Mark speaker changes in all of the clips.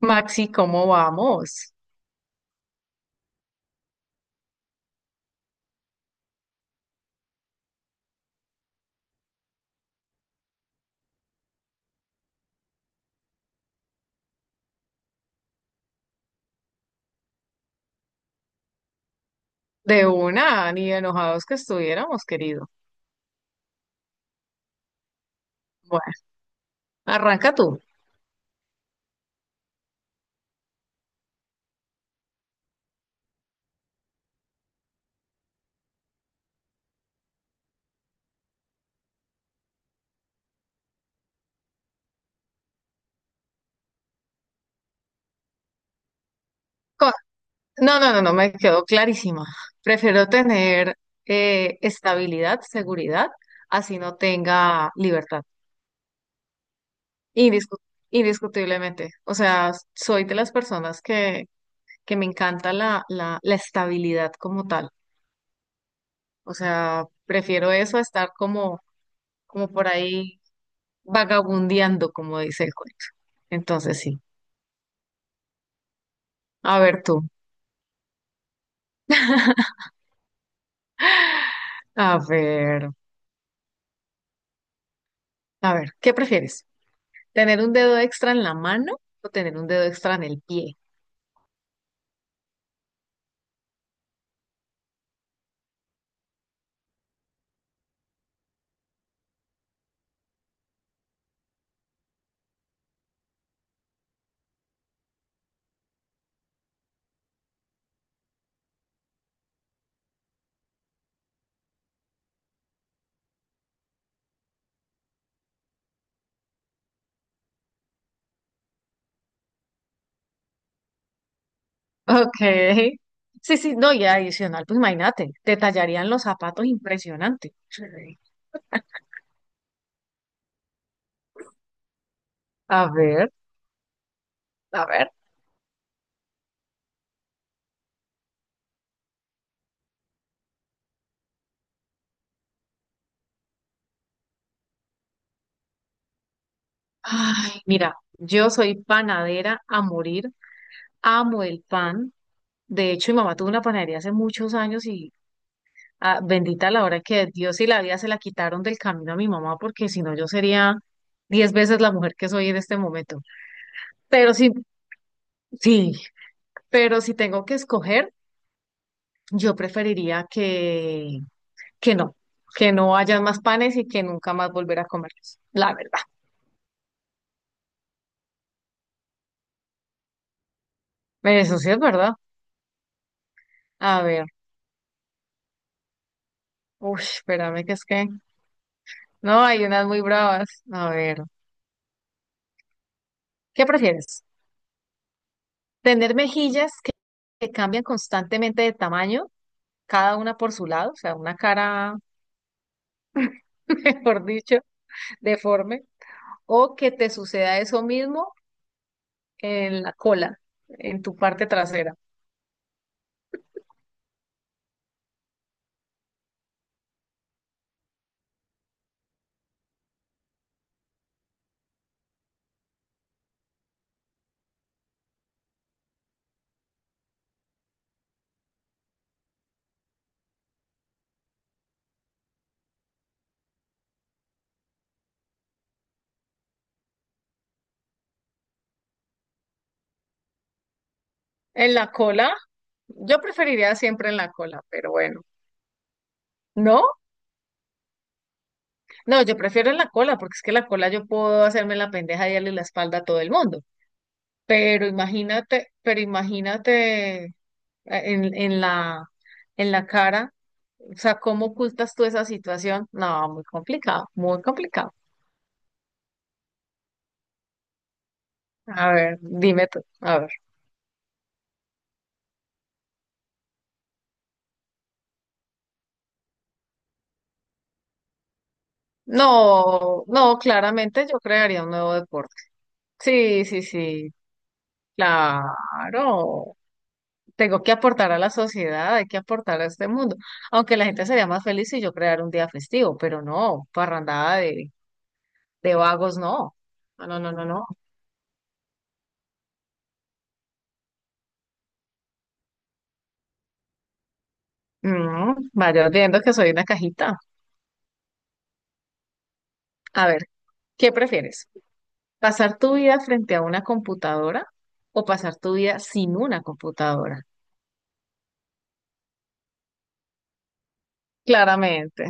Speaker 1: Maxi, ¿cómo vamos? De una, ni enojados que estuviéramos, querido. Bueno, arranca tú. Co- No, no, no, no, me quedó clarísima. Prefiero tener estabilidad, seguridad, así no tenga libertad. Indiscu- indiscutiblemente. O sea, soy de las personas que me encanta la estabilidad como tal. O sea, prefiero eso a estar como, como por ahí vagabundeando, como dice el cuento. Entonces, sí. A ver tú. A ver, a ver, ¿qué prefieres? ¿Tener un dedo extra en la mano o tener un dedo extra en el pie? Ok. Sí, sí, no, y adicional, pues imagínate, te tallarían los zapatos impresionante. Sí. A ver, a ver. Ay, mira, yo soy panadera a morir, amo el pan. De hecho, mi mamá tuvo una panadería hace muchos años y ah, bendita la hora que Dios y la vida se la quitaron del camino a mi mamá, porque si no yo sería 10 veces la mujer que soy en este momento. Pero sí, sí, pero si tengo que escoger, yo preferiría que no, que no haya más panes y que nunca más volver a comerlos. La verdad. Eso sí es verdad. A ver, uy, espérame no, hay unas muy bravas. A ver, ¿qué prefieres? ¿Tener mejillas que cambian constantemente de tamaño? Cada una por su lado, o sea, una cara mejor dicho, deforme, o que te suceda eso mismo en la cola, en tu parte trasera. En la cola, yo preferiría siempre en la cola, pero bueno. ¿No? No, yo prefiero en la cola, porque es que la cola yo puedo hacerme la pendeja y darle la espalda a todo el mundo. Pero imagínate en, en la, en la cara, o sea, ¿cómo ocultas tú esa situación? No, muy complicado, muy complicado. A ver, dime tú, a ver. No, no, claramente yo crearía un nuevo deporte. Sí, sí, sí, claro. Tengo que aportar a la sociedad, hay que aportar a este mundo. Aunque la gente sería más feliz si yo creara un día festivo, pero no, parrandada de vagos, no. No, no, no, no, no. Mm, vaya viendo que soy una cajita. A ver, ¿qué prefieres? ¿Pasar tu vida frente a una computadora o pasar tu vida sin una computadora? Claramente.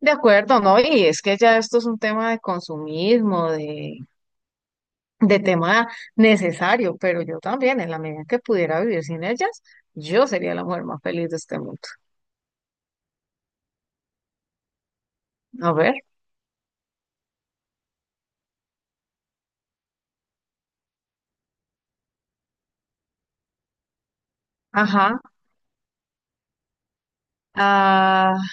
Speaker 1: De acuerdo, ¿no? Y es que ya esto es un tema de consumismo, de tema necesario, pero yo también, en la medida que pudiera vivir sin ellas, yo sería la mujer más feliz de este mundo. A ver, ajá. Ah,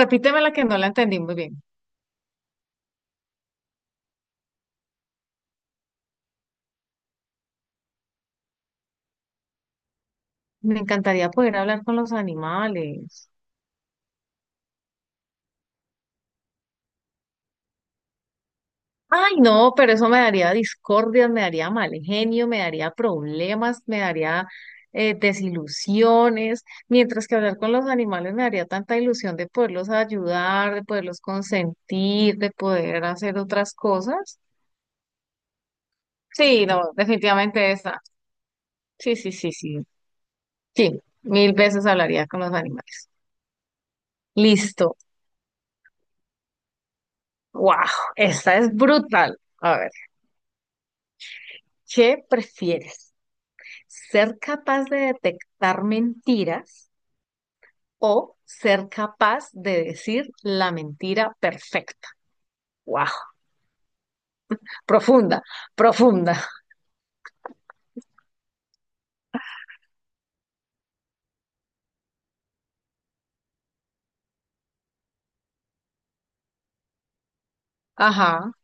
Speaker 1: repíteme la que no la entendí muy bien. Me encantaría poder hablar con los animales. Ay, no, pero eso me daría discordias, me daría mal genio, me daría problemas, me daría desilusiones, mientras que hablar con los animales me daría tanta ilusión de poderlos ayudar, de poderlos consentir, de poder hacer otras cosas. Sí, no, definitivamente esa. Sí, sí, sí, sí. Sí, 1000 veces hablaría con los animales. Listo. Wow, esta es brutal. A ver, ¿qué prefieres? ¿Ser capaz de detectar mentiras o ser capaz de decir la mentira perfecta? ¡Wow! Profunda, profunda. Ajá,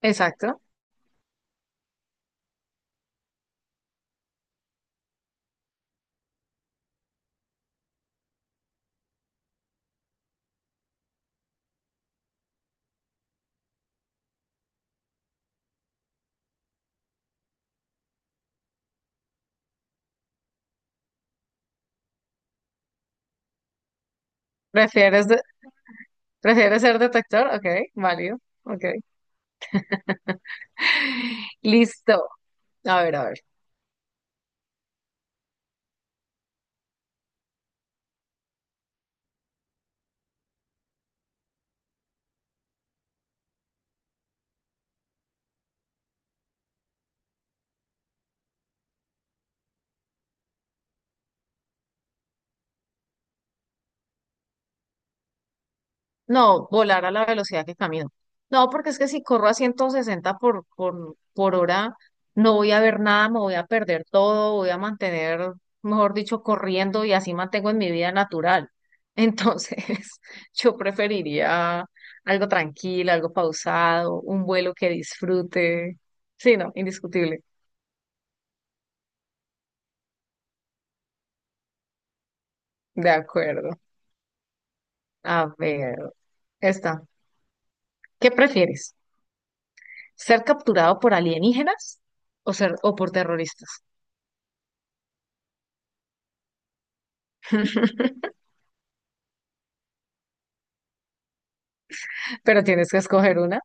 Speaker 1: exacto. ¿Prefieres, de- ¿prefieres ser detector? Ok, válido. Ok. Listo. A ver, a ver. No, volar a la velocidad que camino. No, porque es que si corro a 160 por hora, no voy a ver nada, me voy a perder todo, voy a mantener, mejor dicho, corriendo y así mantengo en mi vida natural. Entonces, yo preferiría algo tranquilo, algo pausado, un vuelo que disfrute. Sí, no, indiscutible. De acuerdo. A ver, esta. ¿Qué prefieres? ¿Ser capturado por alienígenas o ser o por terroristas? Pero tienes que escoger una.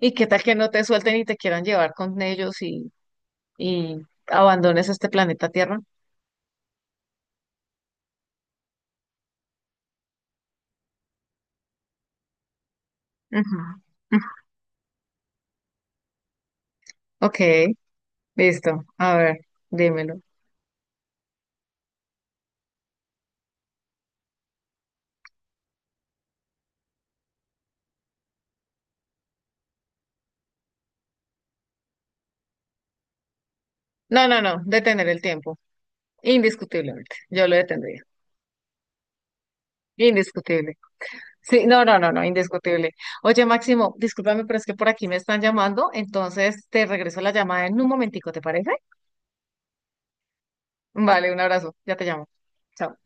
Speaker 1: ¿Y qué tal que no te suelten y te quieran llevar con ellos y abandones este planeta Tierra? Ujú. Ujú. Ok, listo. A ver, dímelo. No, no, no, detener el tiempo. Indiscutiblemente. Yo lo detendría. Indiscutible. Sí, no, no, no, no, indiscutible. Oye, Máximo, discúlpame, pero es que por aquí me están llamando, entonces te regreso la llamada en un momentico, ¿te parece? Vale, un abrazo. Ya te llamo. Chao.